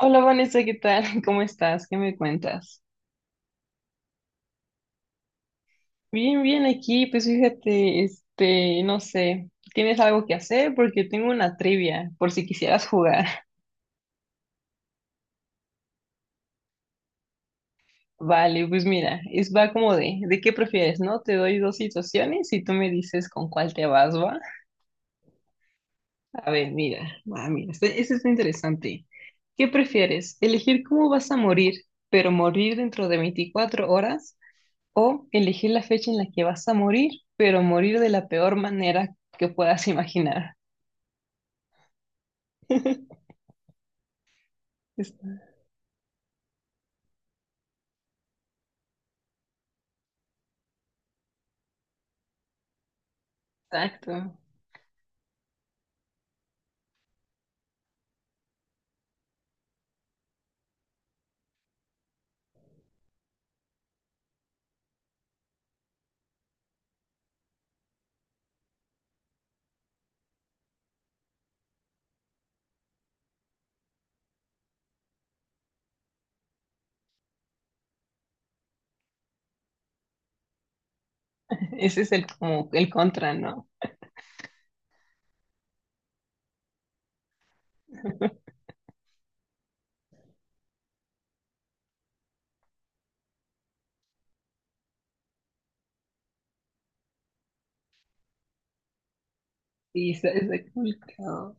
Hola Vanessa, ¿qué tal? ¿Cómo estás? ¿Qué me cuentas? Bien, bien aquí, pues fíjate, no sé, ¿tienes algo que hacer? Porque tengo una trivia, por si quisieras jugar. Vale, pues mira, es va como ¿de qué prefieres, no? Te doy dos situaciones y tú me dices con cuál te vas, ¿va? A ver, mira, va, mira, este está interesante. ¿Qué prefieres? ¿Elegir cómo vas a morir, pero morir dentro de 24 horas? O elegir la fecha en la que vas a morir, pero morir de la peor manera que puedas imaginar. Exacto. Ese es el, como el contra, ¿no? Sí, está complicado.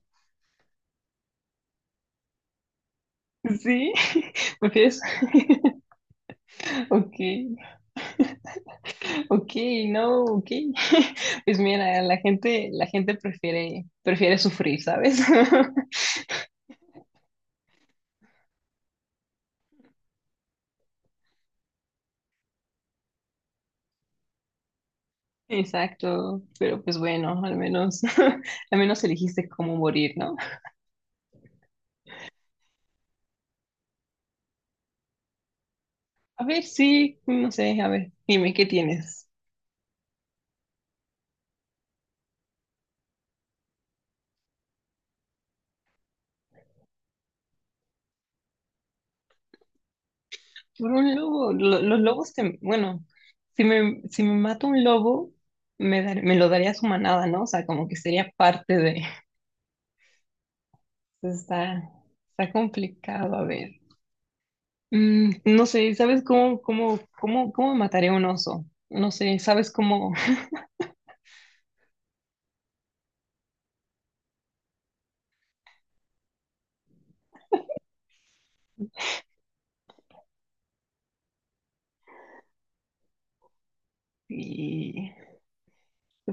Sí, porque es... Ok, ok, no, ok. Pues mira, la gente prefiere, sufrir, ¿sabes? Exacto, pero pues bueno, al menos, al menos elegiste cómo morir, ¿no? A ver, sí, no sé, a ver, dime, ¿qué tienes? Por un lobo, los lobos te, bueno, si me mata un lobo, me lo daría a su manada, ¿no? O sea, como que sería parte de... Entonces, está, complicado, a ver. Mm, no sé, ¿sabes cómo mataría un oso? No sé, ¿sabes cómo? Y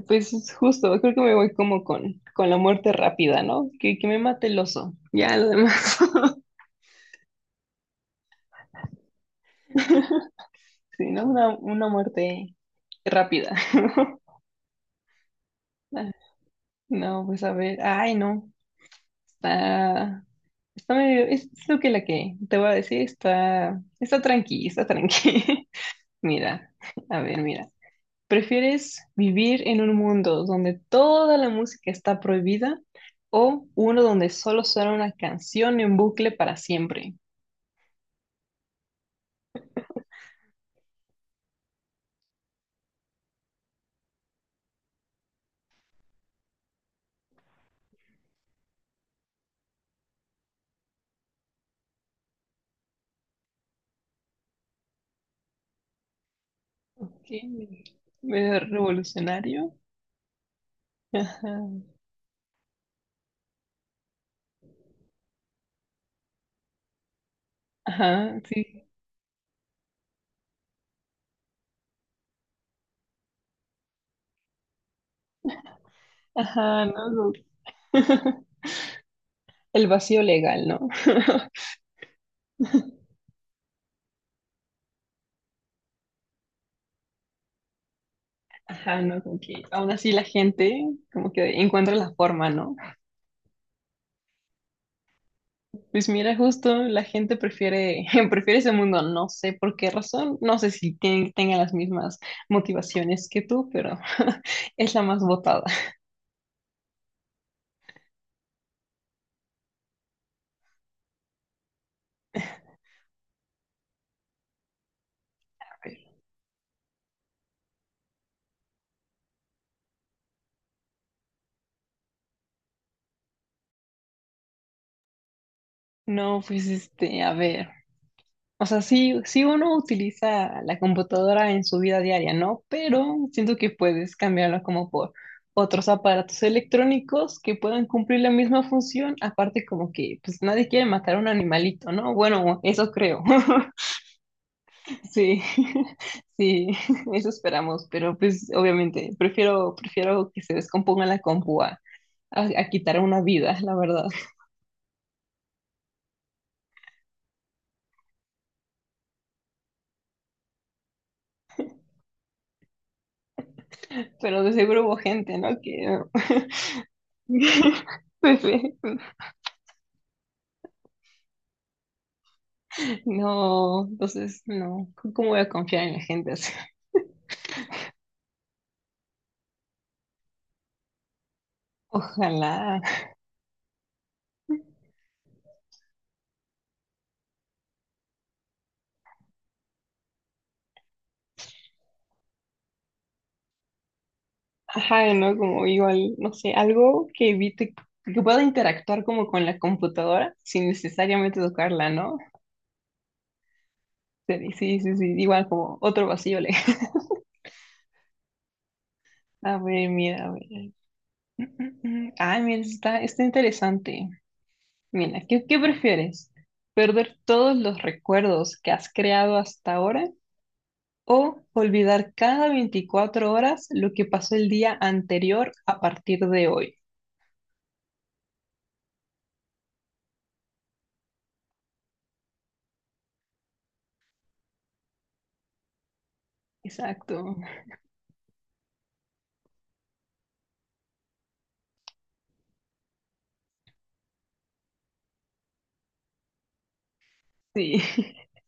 pues es justo, creo que me voy como con la muerte rápida, ¿no? Que me mate el oso. Ya, lo demás. Sí, ¿no? Una muerte rápida. No, pues a ver, ay, no. Está, medio, es lo que la que te voy a decir, está, tranqui, está tranqui. Mira, a ver, mira. ¿Prefieres vivir en un mundo donde toda la música está prohibida o uno donde solo suena una canción en bucle para siempre? ¿Qué? Medio revolucionario. Ajá, ajá, sí. Ajá, no, no. El vacío legal, ¿no? Ajá, no, como que aún así la gente como que encuentra la forma, ¿no? Pues mira, justo la gente prefiere, prefiere ese mundo, no sé por qué razón, no sé si tienen, tengan las mismas motivaciones que tú, pero es la más votada. No, pues a ver, o sea, sí, sí uno utiliza la computadora en su vida diaria, ¿no? Pero siento que puedes cambiarlo como por otros aparatos electrónicos que puedan cumplir la misma función, aparte como que pues nadie quiere matar a un animalito, ¿no? Bueno, eso creo. Sí, sí, eso esperamos, pero pues obviamente prefiero, que se descomponga la compu a, a quitar una vida, la verdad. Pero de seguro hubo gente, ¿no? Que pues, sí. No, entonces no, ¿cómo voy a confiar en la gente? ¿Así? Ojalá. Ajá, ¿no? Como igual, no sé, algo que evite, que pueda interactuar como con la computadora sin necesariamente tocarla, ¿no? Sí, sí, igual como otro vacío. A ver, mira, a ver. Ay, mira, está, interesante. Mira, ¿qué prefieres? ¿Perder todos los recuerdos que has creado hasta ahora o olvidar cada 24 horas lo que pasó el día anterior a partir de hoy? Exacto. Sí.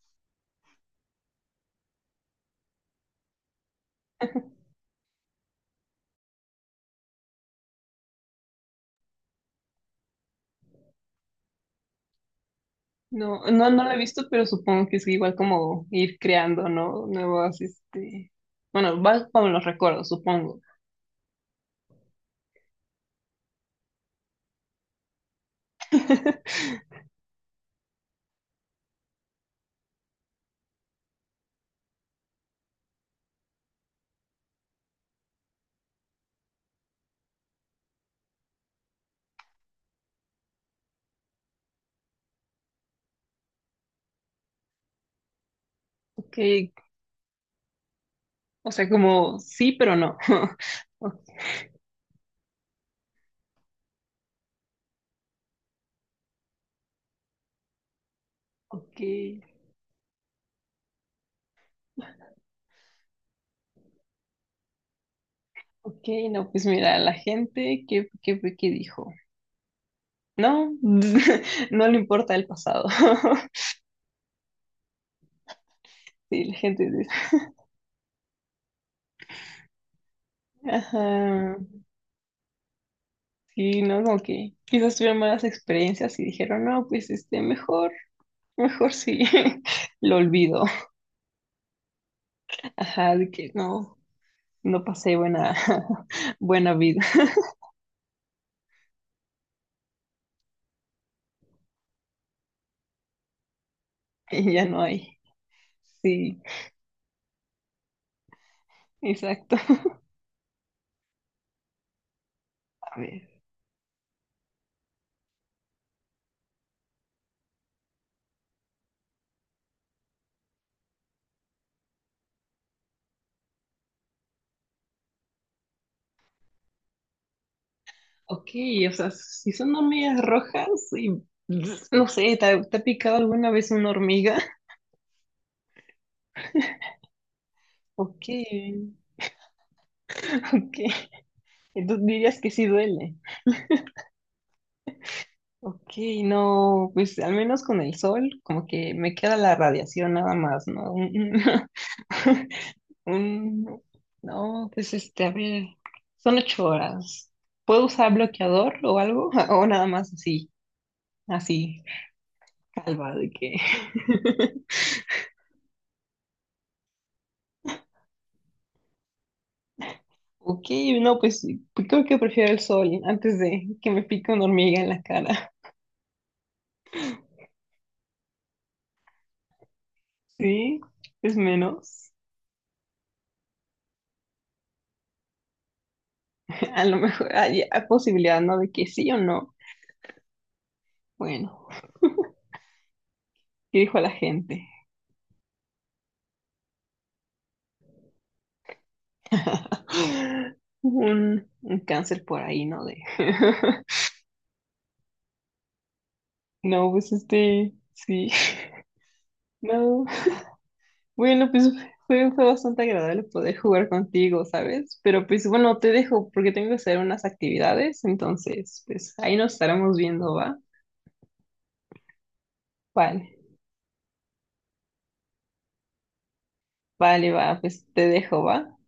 No, no lo he visto, pero supongo que es igual como ir creando, ¿no? Nuevos, este... Bueno, va con los recuerdos, supongo. Ok, o sea, como sí, pero no. O- Ok, ok, no, pues mira, la gente, fue que dijo? No, no le importa el pasado. Sí, la gente dice, ajá, sí, no, como que quizás tuvieron malas experiencias y dijeron, no, pues mejor, mejor sí, lo olvido. Ajá, de que no, no pasé buena, buena vida y ya no hay. Sí, exacto. A ver. Ok, o sea, si son hormigas rojas y no sé, ¿te ha picado alguna vez una hormiga? Ok, ok. Entonces dirías que sí duele. Ok, no, pues al menos con el sol, como que me queda la radiación nada más, ¿no? Un- un- no, pues a ver, son 8 horas. ¿Puedo usar bloqueador o algo? O nada más así, así, calva de que. Ok, no, pues creo que prefiero el sol antes de que me pique una hormiga en la cara. Sí, es menos. A lo mejor hay posibilidad, ¿no? De que sí o no. Bueno, ¿qué dijo la gente? Un cáncer por ahí, ¿no? De... No, pues este, sí. No. Bueno, pues fue bastante agradable poder jugar contigo, ¿sabes? Pero pues bueno, te dejo porque tengo que hacer unas actividades, entonces, pues ahí nos estaremos viendo, ¿va? Vale, vale, va, pues te dejo, va.